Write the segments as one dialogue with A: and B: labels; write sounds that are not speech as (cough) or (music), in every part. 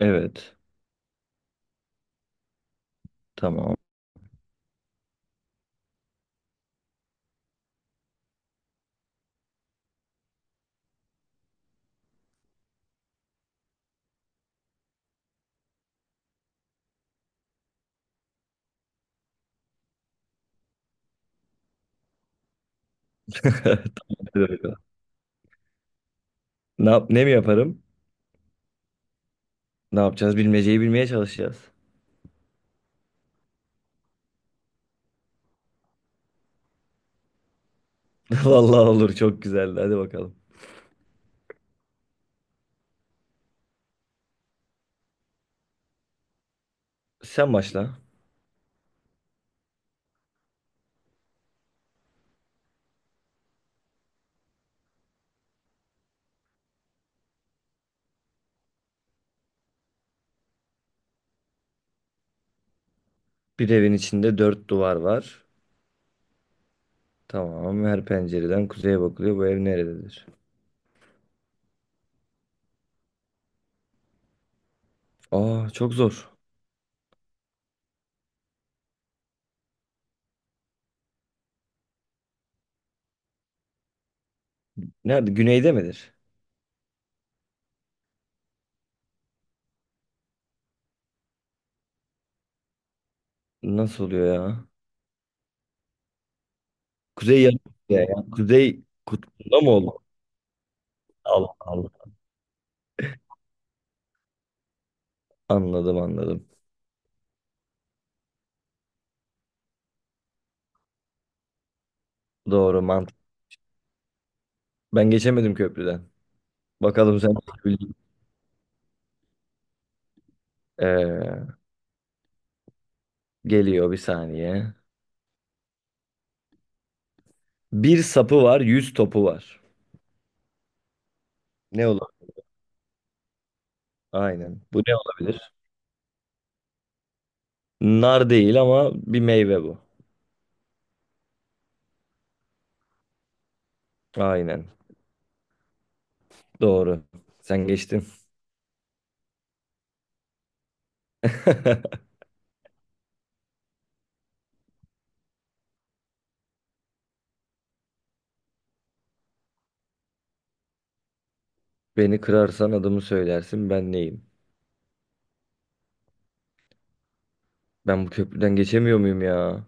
A: Evet. Tamam. (laughs) Tamam, hadi bakalım. Ne yap ne mi yaparım? Ne yapacağız? Bilmeceyi bilmeye çalışacağız. (laughs) Vallahi olur, çok güzeldi. Hadi bakalım. Sen başla. Bir evin içinde dört duvar var. Tamam. Her pencereden kuzeye bakılıyor. Bu ev nerededir? Aa, çok zor. Nerede? Güneyde midir? Nasıl oluyor ya? Kuzey yarım ya. Ya. Kuzey kutbunda mı olur? Allah Allah. Anladım, anladım. Doğru mantık. Ben geçemedim köprüden. Bakalım sen. Bildin. Ee, Geliyor bir saniye. Bir sapı var, yüz topu var. Ne olur? Aynen. Bu ne olabilir? Nar değil ama bir meyve bu. Aynen. Doğru. Sen geçtin. (laughs) Beni kırarsan adımı söylersin, ben neyim? Ben bu köprüden geçemiyor muyum ya?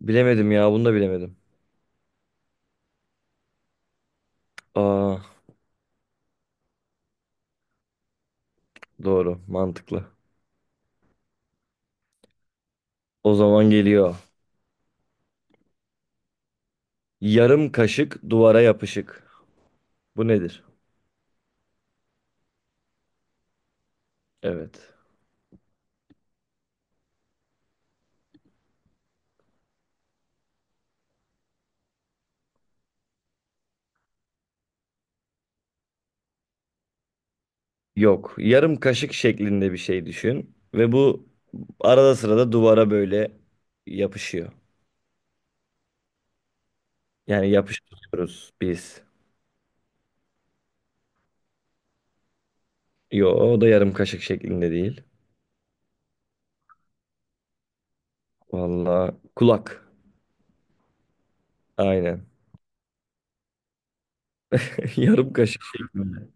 A: Bilemedim ya, bunu da bilemedim. Aa, doğru, mantıklı. O zaman geliyor. Yarım kaşık duvara yapışık. Bu nedir? Evet. Yok. Yarım kaşık şeklinde bir şey düşün. Ve bu arada sırada duvara böyle yapışıyor. Yani yapıştırıyoruz biz. Yo, o da yarım kaşık şeklinde değil. Vallahi kulak. Aynen. (laughs) Yarım kaşık şeklinde.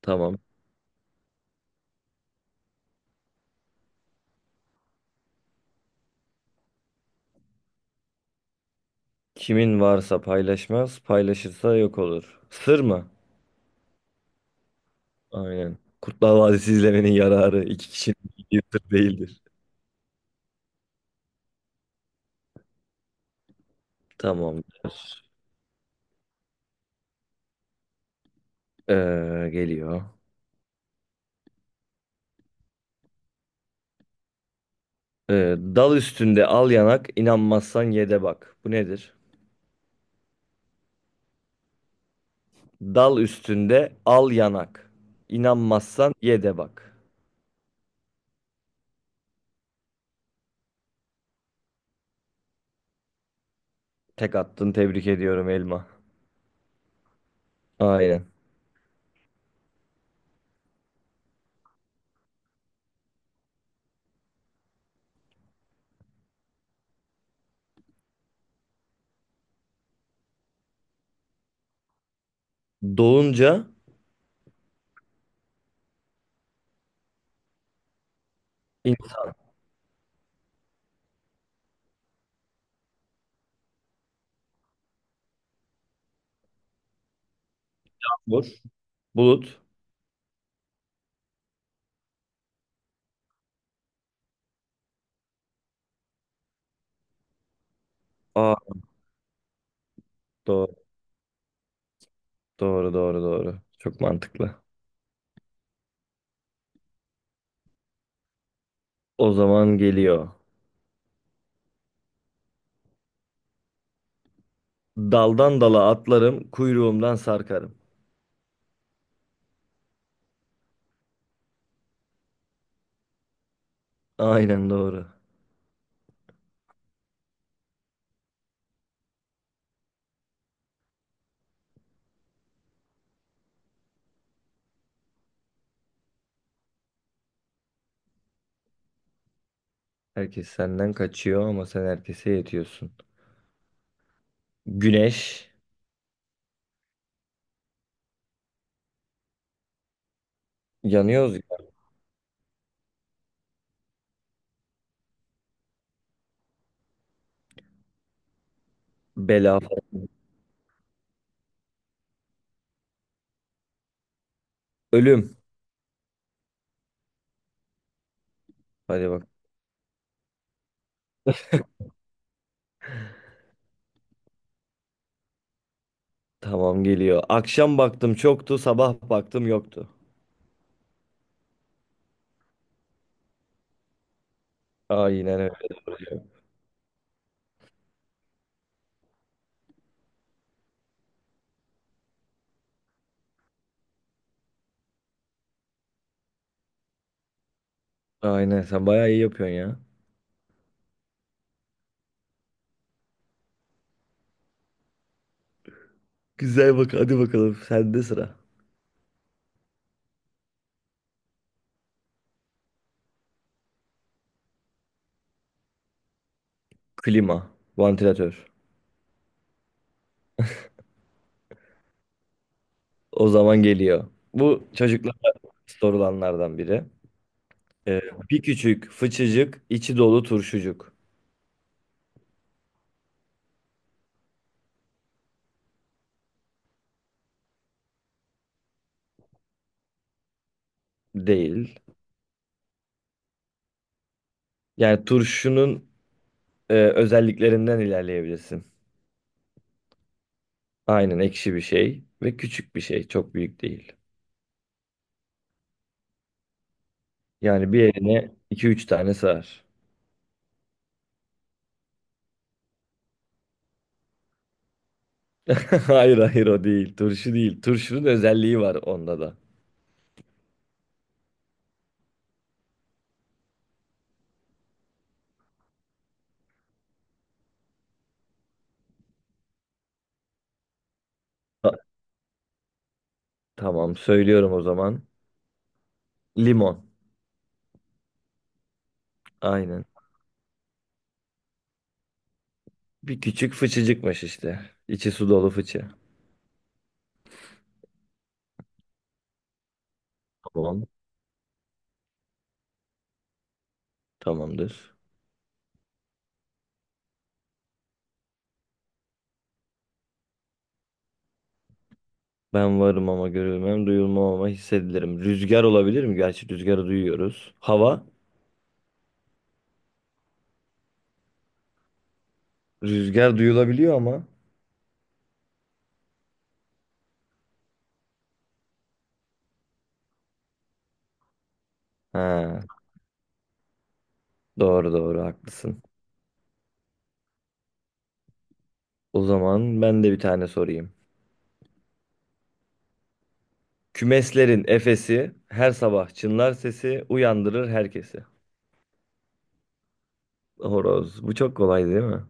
A: Tamam. Kimin varsa paylaşmaz, paylaşırsa yok olur. Sır mı? Aynen. Kurtlar Vadisi izlemenin yararı, iki kişinin bildiği sır değildir. Tamam. Ee, Geliyor. Dal üstünde al yanak, inanmazsan ye de bak. Bu nedir? Dal üstünde al yanak. İnanmazsan ye de bak. Tek attın, tebrik ediyorum Elma. Aynen. Doğunca insan olur. Bulut. Aa, doğru, doğru, doğru, doğru. Çok mantıklı. O zaman geliyor. Daldan dala atlarım, kuyruğumdan sarkarım. Aynen doğru. Herkes senden kaçıyor ama sen herkese yetiyorsun. Güneş. Yanıyoruz ya. Bela. Falan. Ölüm. Hadi bak. Tamam, geliyor. Akşam baktım çoktu, sabah baktım yoktu. Aynen öyle. Aynen, sen bayağı iyi yapıyorsun ya. Güzel, bak hadi bakalım sende sıra. Klima, vantilatör. O zaman geliyor. Bu çocuklar sorulanlardan biri. Ee, Bir küçük, fıçıcık, içi dolu turşucuk. Değil. Yani turşunun özelliklerinden ilerleyebilirsin. Aynen, ekşi bir şey ve küçük bir şey. Çok büyük değil. Yani bir eline iki üç tane sığar. (laughs) Hayır hayır, o değil. Turşu değil. Turşunun özelliği var onda da. Ta- tamam, söylüyorum o zaman. Limon. Aynen. Bir küçük fıçıcıkmış işte. İçi su dolu fıçı. Tamam. Tamamdır. Ben varım ama görülmem, duyulmam ama hissedilirim. Rüzgar olabilir mi? Gerçi rüzgarı duyuyoruz. Hava, rüzgar duyulabiliyor ama. Ha, doğru doğru, haklısın. O zaman ben de bir tane sorayım. Kümeslerin efesi, her sabah çınlar sesi, uyandırır herkesi. Horoz. Bu çok kolay değil mi?